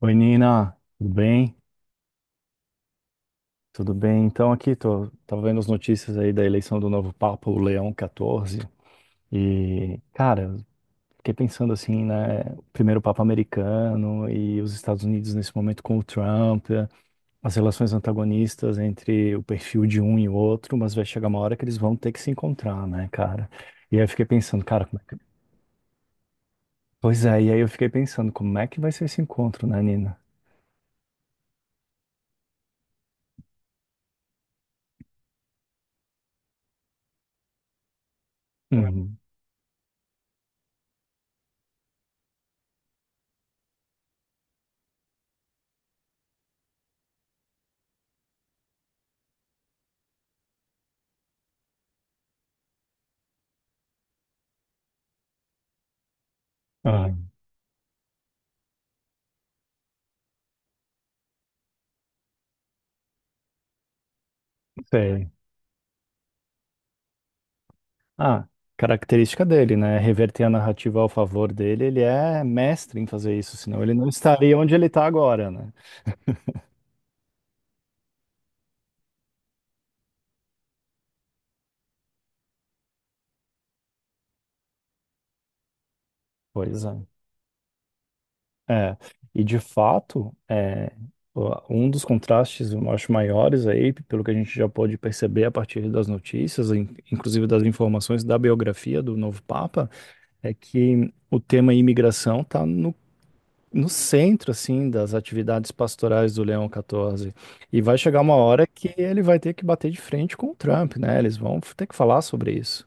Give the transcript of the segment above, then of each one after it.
Oi, Nina, tudo bem? Tudo bem? Então, aqui tô vendo as notícias aí da eleição do novo Papa, o Leão XIV. E, cara, fiquei pensando assim, né? O primeiro Papa americano e os Estados Unidos nesse momento com o Trump, as relações antagonistas entre o perfil de um e o outro, mas vai chegar uma hora que eles vão ter que se encontrar, né, cara? E aí eu fiquei pensando, cara, como é que... Pois é, e aí eu fiquei pensando, como é que vai ser esse encontro, né, Nina? Uhum. Ah, sei. Ah, característica dele, né? Reverter a narrativa ao favor dele, ele é mestre em fazer isso, senão ele não estaria onde ele está agora, né? Pois é. É, e de fato, é, um dos contrastes, eu acho, maiores aí, pelo que a gente já pôde perceber a partir das notícias, inclusive das informações da biografia do novo Papa, é que o tema imigração está no centro, assim, das atividades pastorais do Leão 14. E vai chegar uma hora que ele vai ter que bater de frente com o Trump, né? Eles vão ter que falar sobre isso.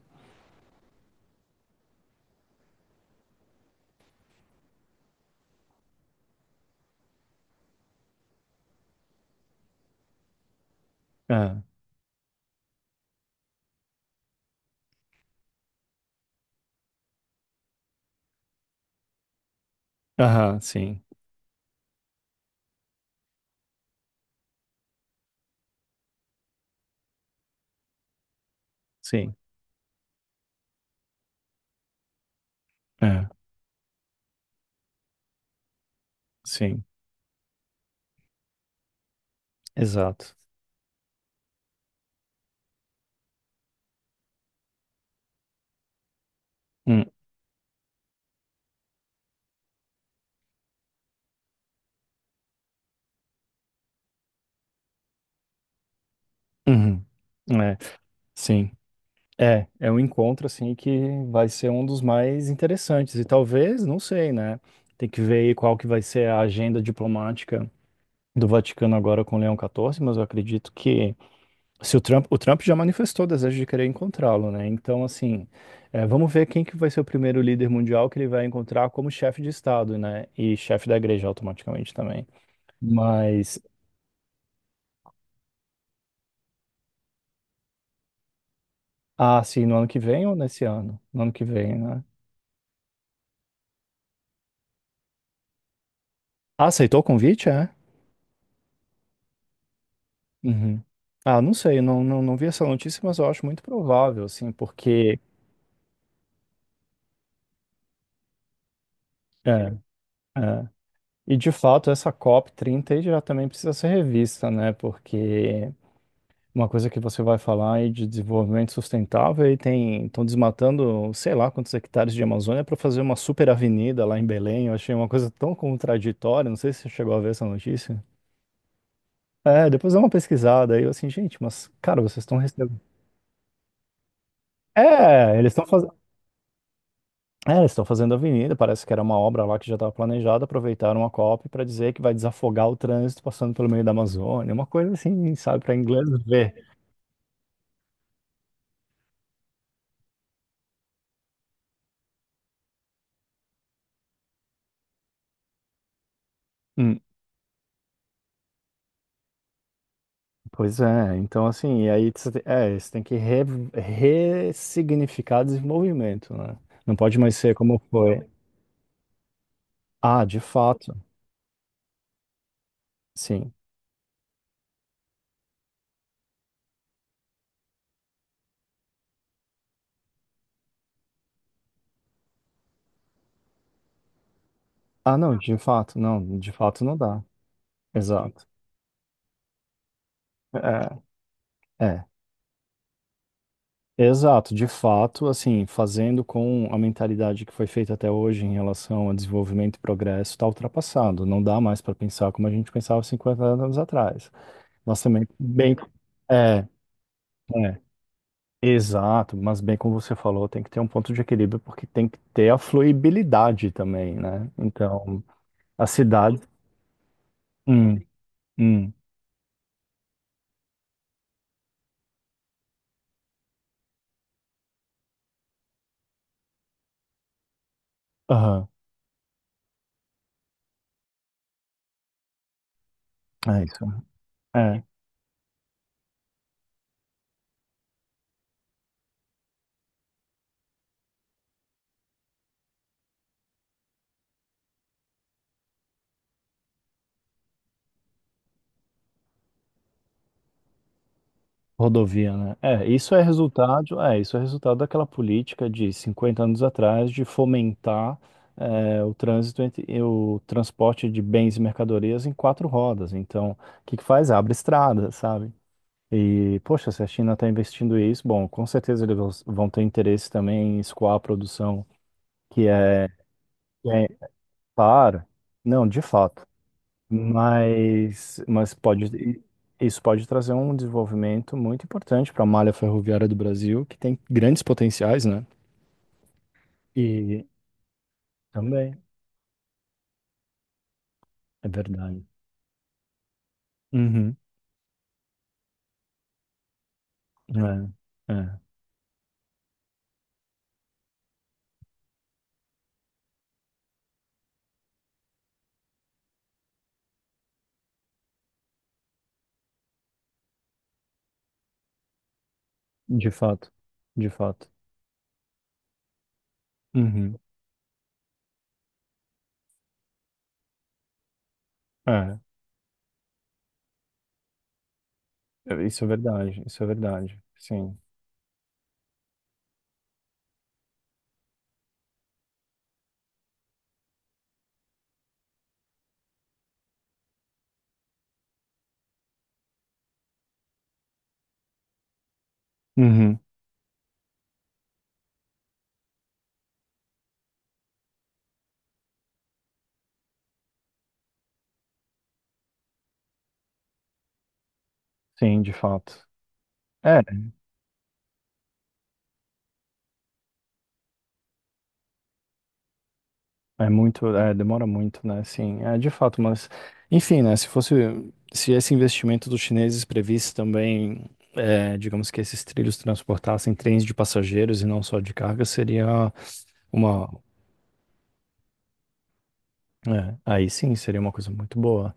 É. Aham, sim, sim, é, sim, exato. Hum, uhum. É, sim. É, é um encontro, assim, que vai ser um dos mais interessantes. E talvez, não sei, né? Tem que ver aí qual que vai ser a agenda diplomática do Vaticano agora com o Leão 14, mas eu acredito que se o Trump, o Trump já manifestou o desejo de querer encontrá-lo, né? Então, assim, é, vamos ver quem que vai ser o primeiro líder mundial que ele vai encontrar como chefe de Estado, né? E chefe da igreja automaticamente também. Mas, ah, sim, no ano que vem ou nesse ano? No ano que vem, né? Ah, aceitou o convite, é? Uhum. Ah, não sei, não, não, não vi essa notícia, mas eu acho muito provável, assim, porque... É, é. E, de fato, essa COP 30 aí já também precisa ser revista, né? Porque... Uma coisa que você vai falar aí de desenvolvimento sustentável e tem, estão desmatando, sei lá, quantos hectares de Amazônia para fazer uma super avenida lá em Belém. Eu achei uma coisa tão contraditória, não sei se você chegou a ver essa notícia. É, depois dá uma pesquisada aí, eu assim, gente, mas cara, vocês estão recebendo. É, eles estão fazendo, é, eles estão fazendo avenida, parece que era uma obra lá que já estava planejada, aproveitaram a COP para dizer que vai desafogar o trânsito passando pelo meio da Amazônia, uma coisa assim, sabe, para inglês ver. Pois é, então assim, e aí é, você tem que ressignificar desenvolvimento, né? Não pode mais ser como foi. Ah, de fato, sim. Ah, não, de fato, não, de fato não dá. Exato. É, é. Exato, de fato, assim, fazendo com a mentalidade que foi feita até hoje em relação a desenvolvimento e progresso, está ultrapassado. Não dá mais para pensar como a gente pensava 50 anos atrás. Nós também, bem, é, é. Exato, mas bem como você falou, tem que ter um ponto de equilíbrio porque tem que ter a fluibilidade também, né? Então, a cidade. Hum, hum, aham, é isso. É, rodovia, né? É, isso é resultado, é, isso é resultado daquela política de 50 anos atrás de fomentar é, o trânsito entre, e o transporte de bens e mercadorias em quatro rodas. Então, o que que faz? Abre estrada, sabe? E, poxa, se a China está investindo isso, bom, com certeza eles vão ter interesse também em escoar a produção, que é, que é claro, não, de fato, mas pode, isso pode trazer um desenvolvimento muito importante para a malha ferroviária do Brasil, que tem grandes potenciais, né? E também, é verdade. Uhum. É, é, de fato, de fato. Uhum. É, isso é verdade, sim. Uhum. Sim, de fato. É, é muito, é, demora muito, né? Sim, é de fato, mas enfim, né? Se fosse, se esse investimento dos chineses previsse também, é, digamos que esses trilhos transportassem trens de passageiros e não só de carga, seria uma, é, aí sim, seria uma coisa muito boa.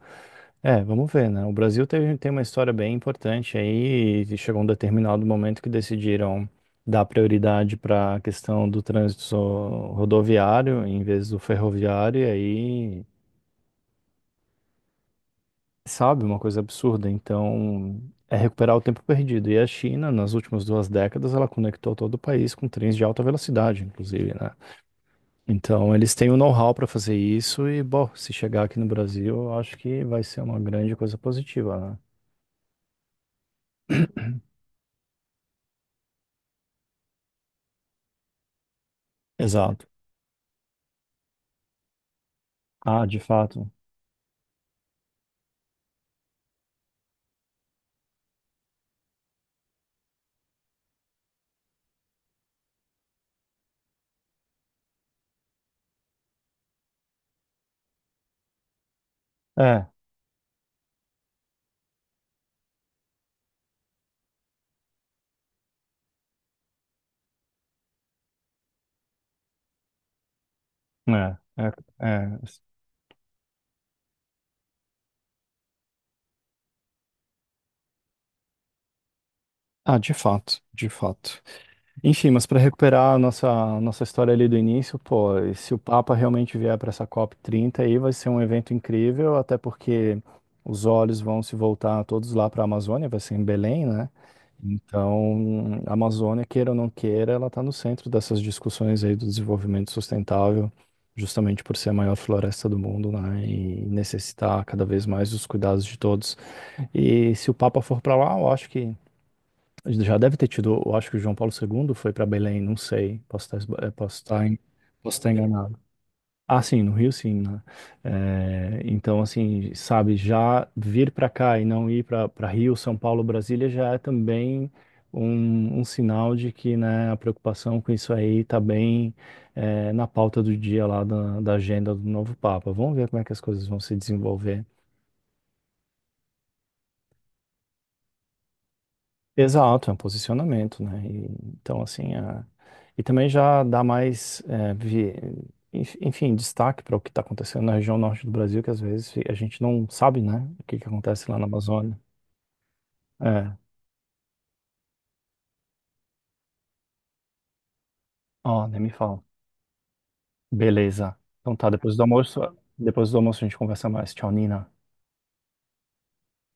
É, vamos ver, né? O Brasil teve, tem uma história bem importante aí e chegou um determinado momento que decidiram dar prioridade para a questão do trânsito rodoviário em vez do ferroviário e aí sabe, uma coisa absurda. Então, é recuperar o tempo perdido. E a China, nas últimas duas décadas, ela conectou todo o país com trens de alta velocidade, inclusive, né? Então, eles têm o know-how para fazer isso e, bom, se chegar aqui no Brasil, eu acho que vai ser uma grande coisa positiva, né? Exato. Ah, de fato. É, é, é, é. Ah, de fato, de fato. Enfim, mas para recuperar a nossa, nossa história ali do início, pô, e se o Papa realmente vier para essa COP30 aí, vai ser um evento incrível, até porque os olhos vão se voltar todos lá para a Amazônia, vai ser em Belém, né? Então, a Amazônia, queira ou não queira, ela está no centro dessas discussões aí do desenvolvimento sustentável, justamente por ser a maior floresta do mundo, né? E necessitar cada vez mais dos cuidados de todos. E se o Papa for para lá, eu acho que já deve ter tido, eu acho que o João Paulo segundo foi para Belém, não sei, posso posso estar enganado. Ah, sim, no Rio, sim, né? Eh, então, assim, sabe, já vir para cá e não ir para Rio, São Paulo, Brasília já é também um sinal de que, né, a preocupação com isso aí está bem, eh, na pauta do dia lá da, da agenda do novo Papa. Vamos ver como é que as coisas vão se desenvolver. Exato, é um posicionamento, né? E, então, assim, e também já dá mais, é, enfim, destaque para o que está acontecendo na região norte do Brasil, que às vezes a gente não sabe, né? O que que acontece lá na Amazônia. É, ó, nem me fala. Beleza. Então tá, depois do almoço a gente conversa mais. Tchau, Nina.